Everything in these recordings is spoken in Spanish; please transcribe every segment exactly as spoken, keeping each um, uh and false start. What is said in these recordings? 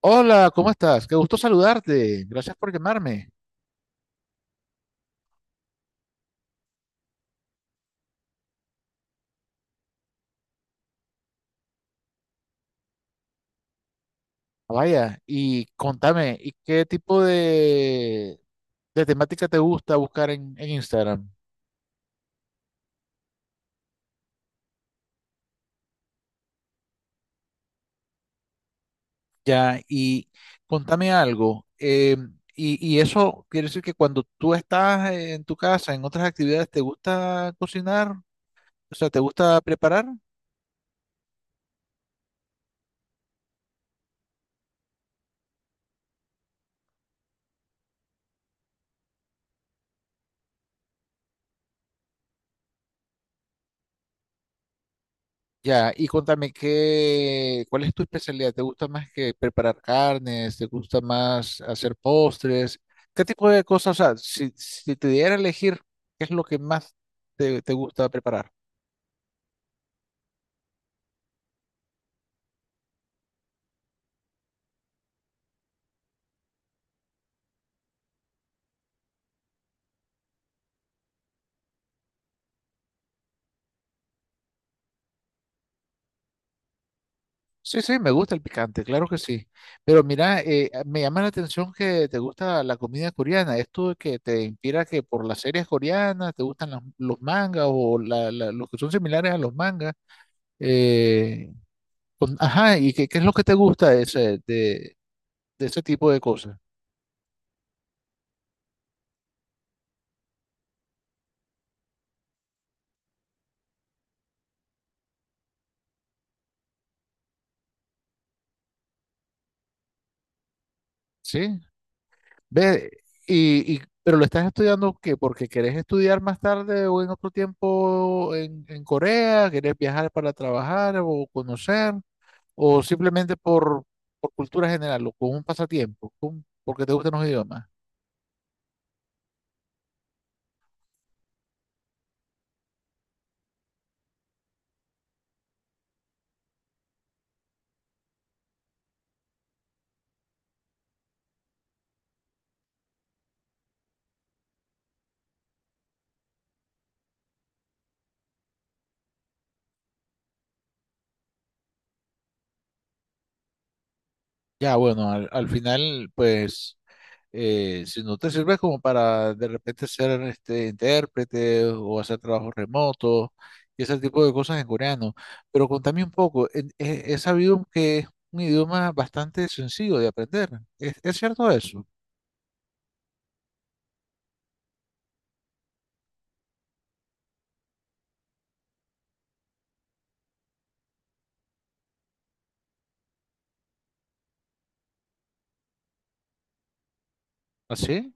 Hola, ¿cómo estás? Qué gusto saludarte. Gracias por llamarme. Vaya, y contame, ¿y qué tipo de, de temática te gusta buscar en, en Instagram? Ya, y contame algo. Eh, y, y eso quiere decir que cuando tú estás en tu casa, en otras actividades, ¿te gusta cocinar? O sea, ¿te gusta preparar? Ya, y contame qué, ¿cuál es tu especialidad? ¿Te gusta más que preparar carnes? ¿Te gusta más hacer postres? ¿Qué tipo de cosas? O sea, si, si te diera a elegir, ¿qué es lo que más te, te gusta preparar? Sí, sí, me gusta el picante, claro que sí. Pero mira, eh, me llama la atención que te gusta la comida coreana. ¿Esto que te inspira que por las series coreanas te gustan las- los mangas o la- la- los que son similares a los mangas? Eh, con- ajá, ¿y qué, qué es lo que te gusta ese de, de ese tipo de cosas, ¿sí? Ve, y, y- pero lo estás estudiando ¿qué? Porque querés estudiar más tarde o en otro tiempo en, en Corea, querés viajar para trabajar o conocer, o simplemente por, por cultura general o con un pasatiempo, con- porque te gustan los idiomas. Ya, bueno, al, al final, pues eh, si no te sirve como para de repente ser este, intérprete o hacer trabajos remotos y ese tipo de cosas en coreano. Pero contame un poco, en- he, he sabido que es un idioma bastante sencillo de aprender. ¿Es, es cierto eso? ¿Así?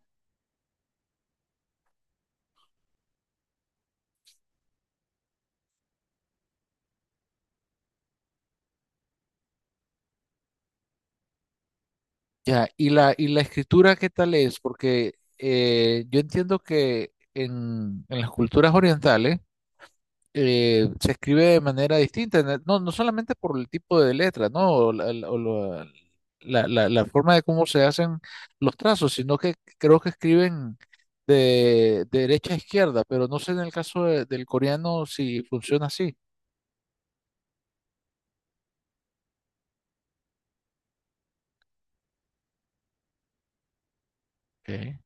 Ya, y la, y la escritura, ¿qué tal es? Porque eh, yo entiendo que en, en las culturas orientales, eh, se escribe de manera distinta, na- no, no solamente por el tipo de letra, ¿no? O la, la- o la- la- la- la forma de cómo se hacen los trazos, sino que creo que escriben de, de derecha a izquierda, pero no sé en el caso de- del coreano si funciona así. Ok.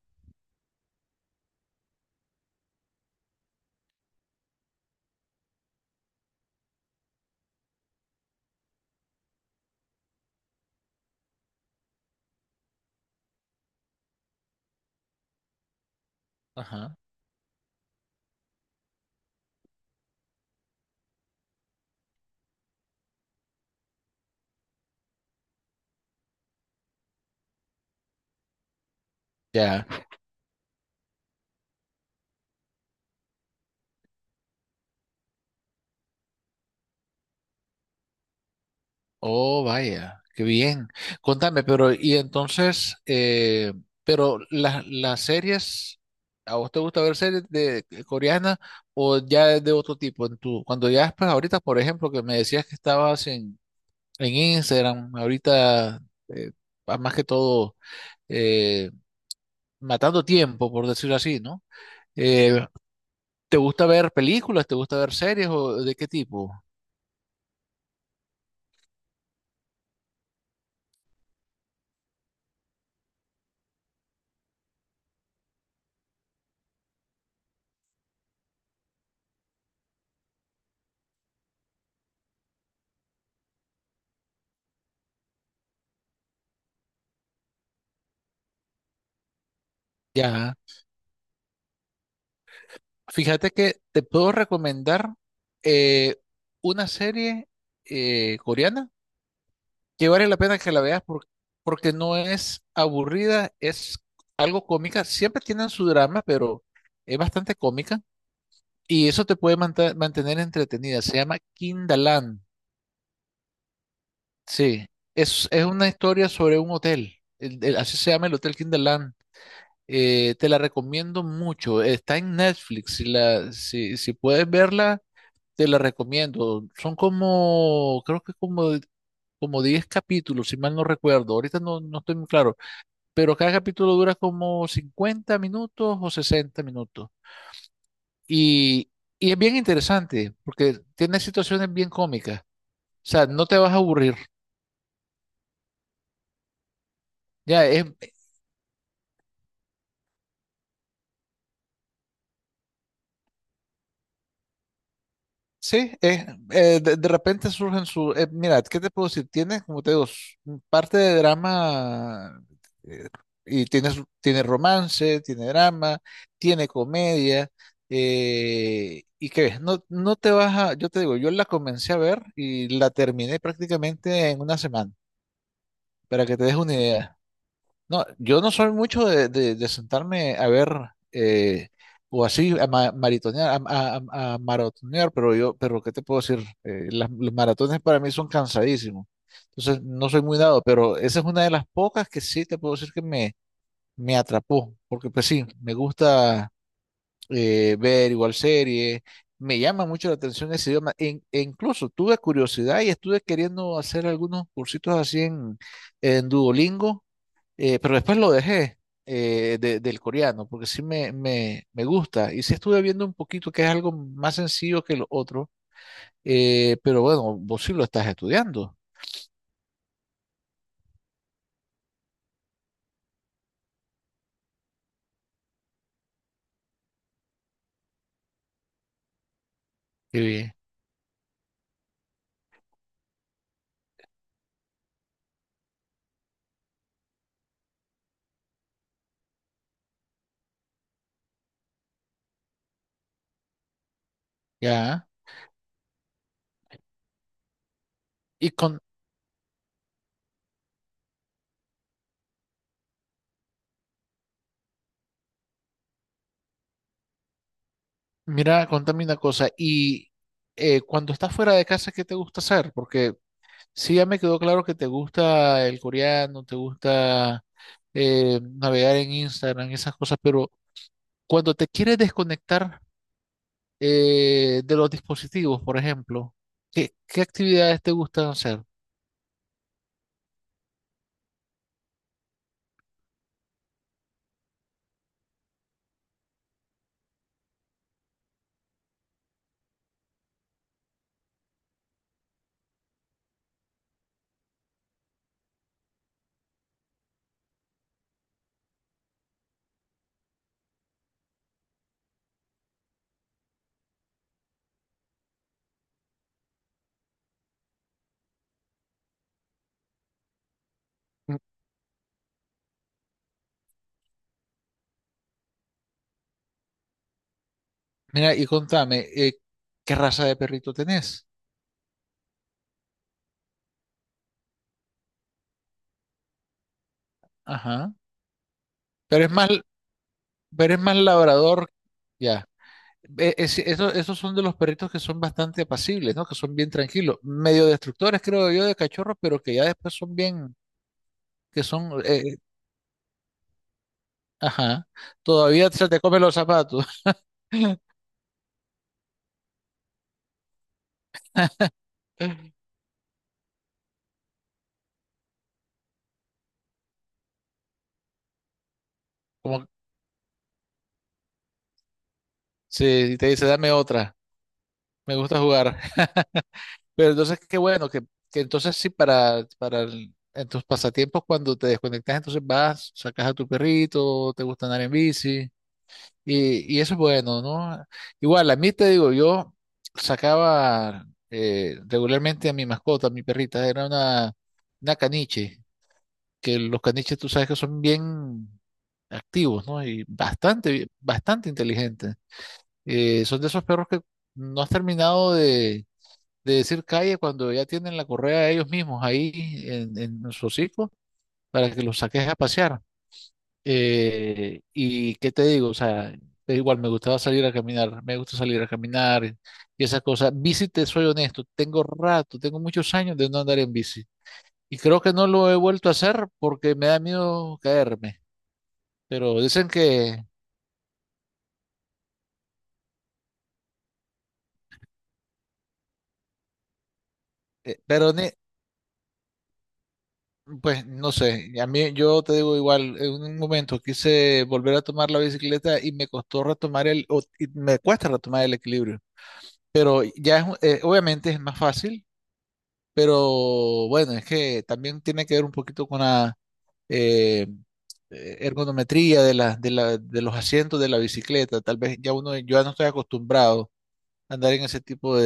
Ajá. Ya. Oh, vaya, qué bien. Contame, pero y entonces, eh, pero las las series, ¿a vos te gusta ver series de coreanas o ya es de otro tipo? En tu, cuando ya pues ahorita, por ejemplo, que me decías que estabas en, en Instagram, ahorita eh, más que todo eh, matando tiempo, por decirlo así, ¿no? Eh, ¿Te gusta ver películas? ¿Te gusta ver series o de qué tipo? Ya. Fíjate que te puedo recomendar eh, una serie eh, coreana que vale la pena que la veas por- porque no es aburrida, es algo cómica. Siempre tienen su drama, pero es bastante cómica y eso te puede manta- mantener entretenida. Se llama Kindaland. Sí, es, es una historia sobre un hotel. El- el- así se llama el Hotel Kindaland. Eh, te la recomiendo mucho. Está en Netflix. Si, la, si, si puedes verla. Te la recomiendo. Son como, creo que como, como diez capítulos, si mal no recuerdo. Ahorita no, no estoy muy claro. Pero cada capítulo dura como cincuenta minutos o sesenta minutos. Y, y es bien interesante porque tiene situaciones bien cómicas. O sea, no te vas a aburrir. Ya, es, Sí, es, eh, de, de repente surgen su... eh, mira, ¿qué te puedo decir? Tiene, como te digo, s- parte de drama eh, y tiene, su- tiene romance, tiene drama, tiene comedia. Eh, ¿y qué ves? No, no te vas a... Yo te digo, yo la comencé a ver y la terminé prácticamente en una semana, para que te des una idea. No, yo no soy mucho de, de- de sentarme a ver eh, o así a, ma- maratonear, a, a- a maratonear, pero yo, pero ¿qué te puedo decir? Eh, las, los maratones para mí son cansadísimos. Entonces no soy muy dado, pero esa es una de las pocas que sí te puedo decir que me, me atrapó, porque pues sí, me gusta eh, ver igual series, me llama mucho la atención ese idioma, e, e incluso tuve curiosidad y estuve queriendo hacer algunos cursitos así en, en Duolingo, eh, pero después lo dejé eh, de- del coreano, porque sí me, me, me gusta. Y sí estuve viendo un poquito que es algo más sencillo que lo otro. Eh, pero bueno, vos sí lo estás estudiando. Qué bien. Ya. Y con, Mira, contame una cosa. Y eh, cuando estás fuera de casa, ¿qué te gusta hacer? Porque sí ya me quedó claro que te gusta el coreano, te gusta eh, navegar en Instagram, esas cosas, pero cuando te quieres desconectar eh, de los dispositivos, por ejemplo, ¿qué, qué actividades te gustan hacer? M- Mira, y contame, eh, ¿qué raza de perrito tenés? Ajá. Pero es más, pero es más labrador, ya. E- es- eso- esos son de los perritos que son bastante apacibles, ¿no? Que son bien tranquilos, medio destructores, creo yo, de cachorros, pero que ya después son bien, que son, eh, ajá, todavía se te comen los zapatos. Como si te dice, dame otra, me gusta jugar. Pero entonces, qué bueno, que, que entonces sí, para, para el- en tus pasatiempos, cuando te desconectas, entonces vas, sacas a tu perrito, te gusta andar en bici, y, y eso es bueno, ¿no? Igual, a mí te digo, yo sacaba eh, regularmente a mi mascota, a mi perrita, era una, una caniche, que los caniches tú sabes que son bien activos, ¿no? Y bastante, bastante inteligentes. Eh, son de esos perros que no has terminado de decir calle cuando ya tienen la correa ellos mismos ahí en, en su hocico para que los saques a pasear. Eh, y qué te digo, o sea, es igual me gustaba salir a caminar, me gusta salir a caminar y, y esas cosas. Bici, te soy honesto, tengo rato, tengo muchos años de no andar en bici. Y creo que no lo he vuelto a hacer porque me da miedo caerme. Pero dicen que, eh, pero ne- Pues no sé, a mí yo te digo igual, en un momento quise volver a tomar la bicicleta y me costó retomar el, o- y me cuesta retomar el equilibrio, pero ya es, un- eh, obviamente es más fácil, pero bueno, es que también tiene que ver un poquito con la eh, eh, ergonometría de la, de la, de los asientos de la bicicleta, tal vez ya uno, yo ya no estoy acostumbrado a andar en ese tipo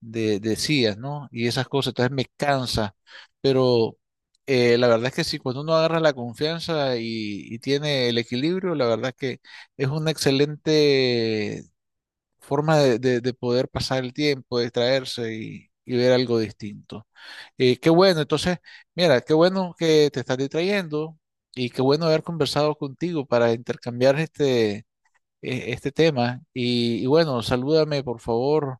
de, decías, ¿no? Y esas cosas, entonces me cansa, pero eh, la verdad es que sí, cuando uno agarra la confianza y, y tiene el equilibrio, la verdad es que es una excelente forma de, de- de poder pasar el tiempo, distraerse y, y ver algo distinto. Eh, qué bueno, entonces, mira, qué bueno que te estás distrayendo y qué bueno haber conversado contigo para intercambiar este eh, este tema. Y, y bueno, salúdame por favor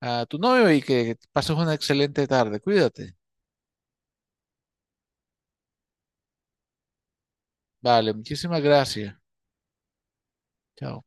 a tu novio y que pases una excelente tarde. Cuídate. Vale, muchísimas gracias. Chao.